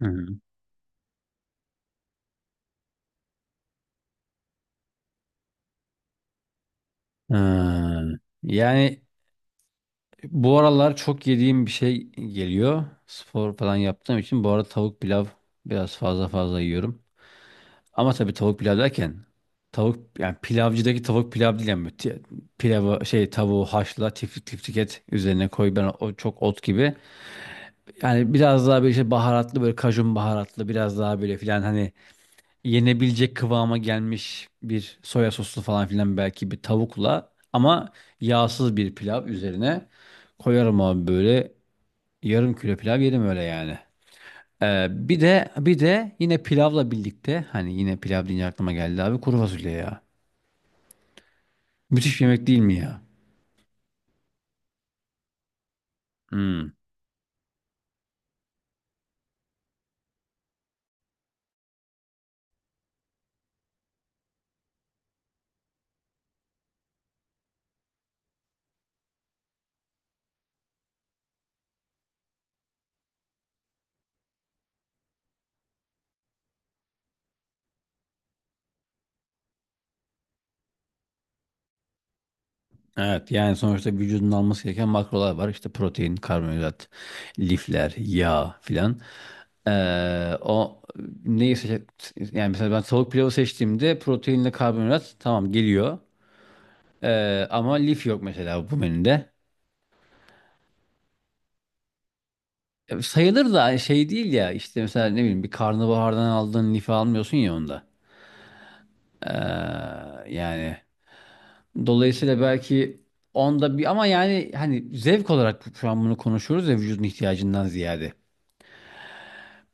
Hı hı. Ha, yani bu aralar çok yediğim bir şey geliyor. Spor falan yaptığım için bu arada tavuk pilav biraz fazla fazla yiyorum. Ama tabii tavuk pilav derken tavuk yani pilavcıdaki tavuk pilav değil yani pilavı şey tavuğu haşla tiftik tiftik et üzerine koy ben o çok ot gibi. Yani biraz daha böyle işte baharatlı böyle kajun baharatlı biraz daha böyle filan hani yenebilecek kıvama gelmiş bir soya soslu falan filan belki bir tavukla ama yağsız bir pilav üzerine koyarım abi böyle yarım kilo pilav yerim öyle yani. Bir de yine pilavla birlikte hani yine pilav deyince aklıma geldi abi kuru fasulye ya. Müthiş bir yemek değil mi ya? Hmm, evet, yani sonuçta vücudun alması gereken makrolar var. İşte protein, karbonhidrat, lifler, yağ filan. O neyi seçe yani mesela ben tavuk pilavı seçtiğimde proteinle karbonhidrat tamam geliyor. Ama lif yok mesela bu menüde. E, sayılır da hani şey değil ya işte mesela ne bileyim bir karnabahardan aldığın lifi almıyorsun ya onda. Ee, yani dolayısıyla belki onda bir ama yani hani zevk olarak şu an bunu konuşuyoruz ya vücudun ihtiyacından ziyade.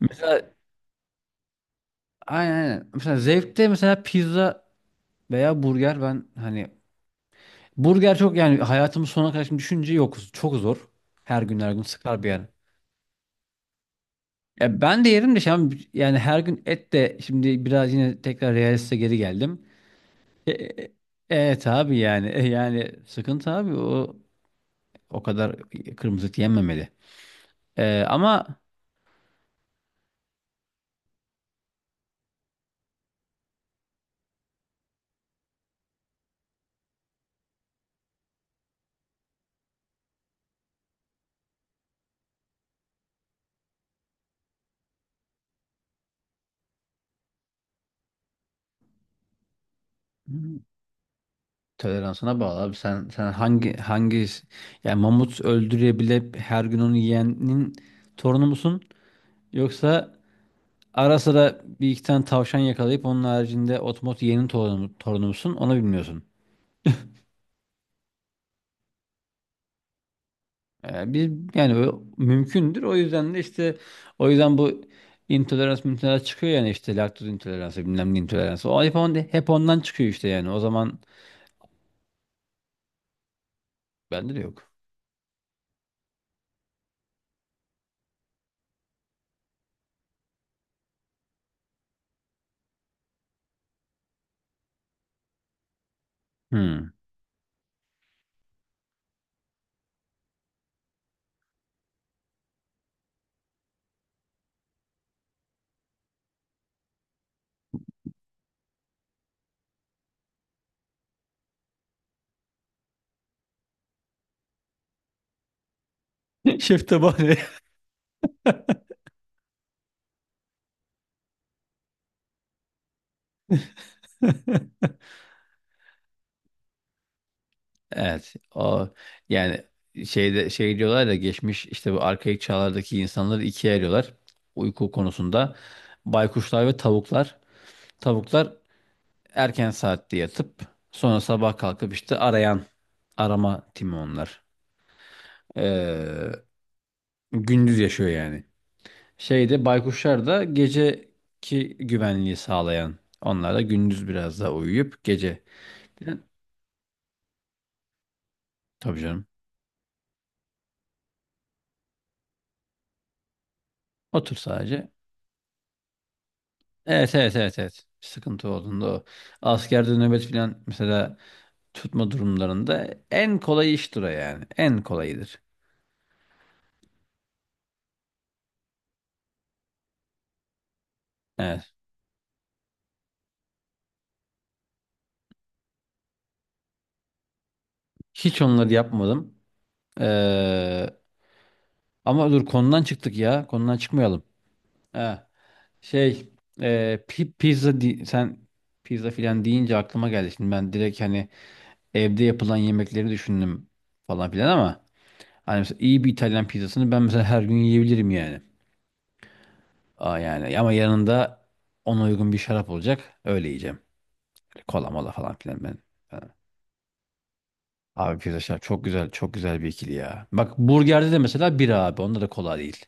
Mesela aynen, aynen. Mesela zevkte mesela pizza veya burger ben hani burger çok yani hayatımın sonuna kadar şimdi düşünce yok. Çok zor. Her gün her gün sıkar bir yer. Ya ben de yerim de şimdi yani her gün et de şimdi biraz yine tekrar realiste geri geldim. E, e- evet abi yani yani sıkıntı abi o kadar kırmızı et yenmemeli. E, ama hmm, toleransına bağlı abi sen hangi yani mamut öldürebilip her gün onu yiyenin torunu musun? Yoksa ara sıra bir iki tane tavşan yakalayıp onun haricinde otomot yeğenin torunumsun onu bilmiyorsun. Ee, bir, yani o mümkündür o yüzden de işte o yüzden bu intolerans çıkıyor yani işte laktoz intoleransı bilmem ne intoleransı. O hep ondan çıkıyor işte yani o zaman bende de yok. Hmm. Şeftabani. Evet, o yani şeyde şey diyorlar da geçmiş işte bu arkaik çağlardaki insanları ikiye ayırıyorlar uyku konusunda. Baykuşlar ve tavuklar. Tavuklar erken saatte yatıp sonra sabah kalkıp işte arayan arama timi onlar. Ee, gündüz yaşıyor yani. Şeyde baykuşlar da geceki güvenliği sağlayan. Onlar da gündüz biraz daha uyuyup gece. Tabii canım. Otur sadece. Evet, evet, evet, evet. Sıkıntı olduğunda o. Askerde nöbet falan mesela tutma durumlarında en kolay iştir o yani. En kolayıdır. Evet. Hiç onları yapmadım. Ee, Ama dur konudan çıktık ya. Konudan çıkmayalım. Ha, şey pizza sen pizza filan deyince aklıma geldi. Şimdi ben direkt hani evde yapılan yemekleri düşündüm falan filan ama hani mesela iyi bir İtalyan pizzasını ben mesela her gün yiyebilirim yani. Aa, yani ama yanında ona uygun bir şarap olacak. Öyle yiyeceğim. Kola mola falan filan ben. ben- Abi pizza şarap çok güzel, çok güzel bir ikili ya. Bak burgerde de mesela bira abi. Onda da kola değil.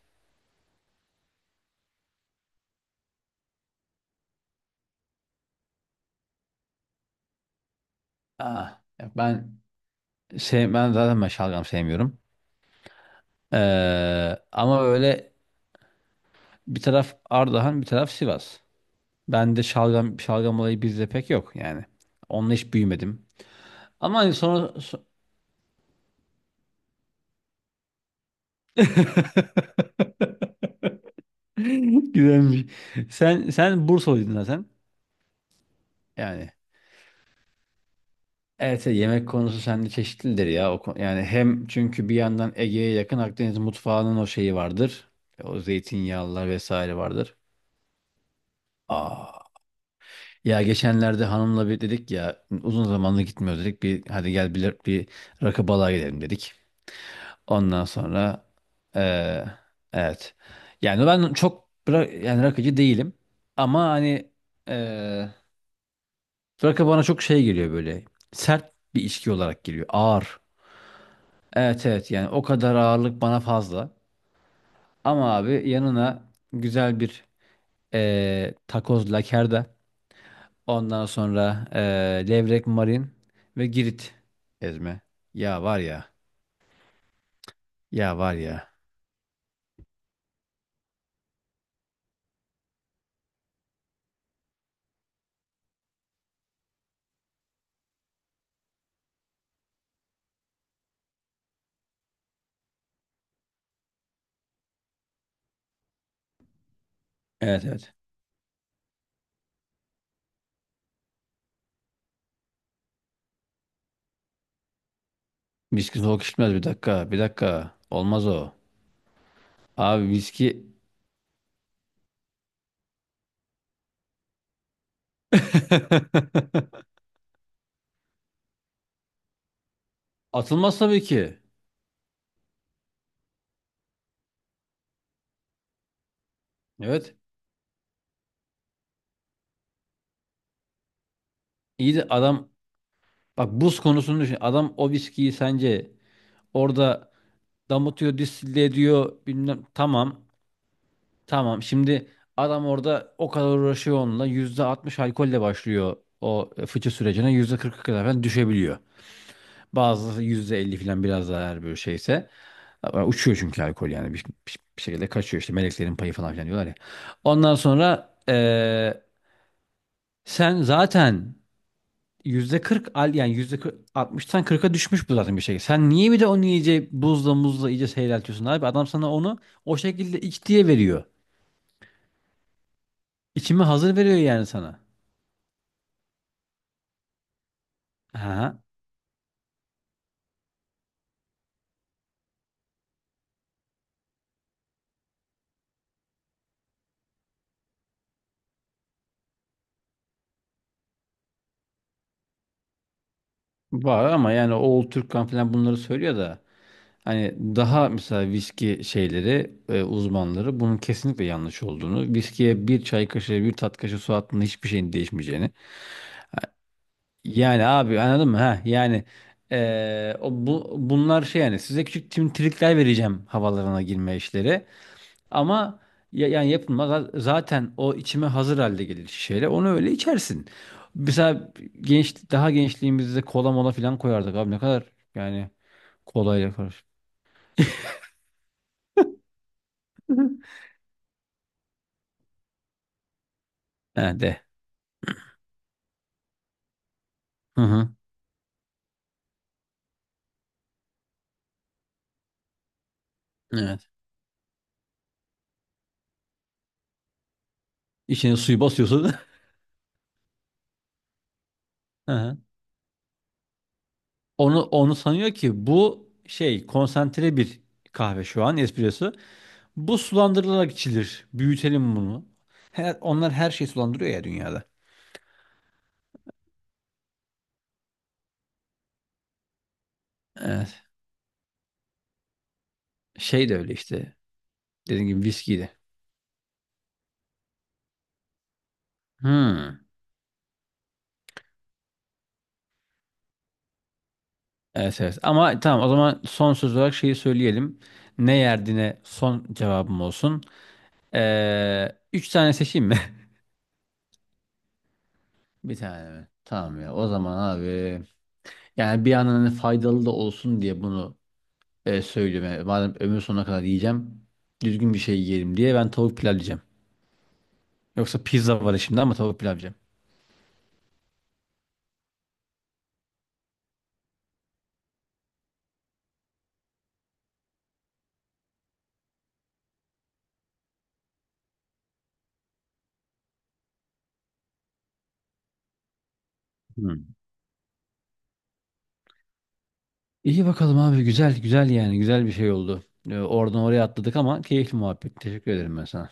Aa, ben ben şalgam sevmiyorum. Ama böyle bir taraf Ardahan, bir taraf Sivas. Ben de şalgam şalgam olayı bizde pek yok yani. Onunla hiç büyümedim. Ama hani sonra güzelmiş. Sen Bursalıydın zaten. Yani evet, yemek konusu sende çeşitlidir ya. Yani hem çünkü bir yandan Ege'ye yakın Akdeniz mutfağının o şeyi vardır. O zeytinyağlılar vesaire vardır. Aa, ya geçenlerde hanımla bir dedik ya uzun zamandır gitmiyoruz dedik. Bir hadi gel bir rakı balığa gidelim dedik. Ondan sonra eee, evet. Yani ben yani rakıcı değilim. Ama hani eee rakı bana çok şey geliyor böyle. Sert bir içki olarak geliyor. Ağır. Evet, evet, yani o kadar ağırlık bana fazla. Ama abi yanına güzel bir takoz, lakerda. Ondan sonra levrek, marin ve Girit ezme. Ya var ya. Ya var ya. Evet, evet. Viski soğuk içmez, bir dakika. Bir dakika. Olmaz o. Abi viski atılmaz tabii ki. Evet. İyi de adam bak buz konusunu düşün. Adam o viskiyi sence orada damıtıyor, distille ediyor bilmem. Tamam. Tamam şimdi adam orada o kadar uğraşıyor onunla. %60 alkolle başlıyor o fıçı sürecine. %40'a kadar falan düşebiliyor. Bazıları 50 falan biraz daha eğer böyle şeyse. Ama uçuyor çünkü alkol yani bir şekilde kaçıyor işte meleklerin payı falan filan diyorlar ya. Ondan sonra sen zaten %40 al yani %60'tan 40'a düşmüş bu zaten bir şey. Sen niye bir de onu iyice buzla muzla iyice seyreltiyorsun abi? Adam sana onu o şekilde iç diye veriyor. İçimi hazır veriyor yani sana. Ha, var ama yani Oğul Türkkan falan bunları söylüyor da hani daha mesela viski şeyleri uzmanları bunun kesinlikle yanlış olduğunu viskiye bir çay kaşığı bir tat kaşığı su attığında hiçbir şeyin değişmeyeceğini yani abi anladın mı ha yani bunlar şey yani size küçük trikler vereceğim havalarına girme işleri. Ama yani yapılma zaten o içime hazır halde gelir şişeyle. Onu öyle içersin. Mesela daha gençliğimizde kola mola falan koyardık abi ne kadar yani kolayla karış. He de. Hı hı. Evet. İçine suyu basıyorsun. Hı hı. Onu sanıyor ki bu şey konsantre bir kahve şu an espresso. Bu sulandırılarak içilir. Büyütelim bunu. Onlar her şeyi sulandırıyor ya dünyada. Evet. Şey de öyle işte. Dediğim gibi viski de. Hmm. Evet, evet, ama tamam o zaman son söz olarak şeyi söyleyelim. Ne yerdiğine son cevabım olsun. Üç tane seçeyim mi? Bir tane mi? Tamam ya o zaman abi. Yani bir yandan hani faydalı da olsun diye bunu söylüyorum. Yani madem ömür sonuna kadar yiyeceğim. Düzgün bir şey yiyelim diye ben tavuk pilav yiyeceğim. Yoksa pizza var şimdi ama tavuk pilav yiyeceğim. Hmm. İyi bakalım abi, güzel güzel yani güzel bir şey oldu. Oradan oraya atladık ama keyifli muhabbet. Teşekkür ederim ben sana.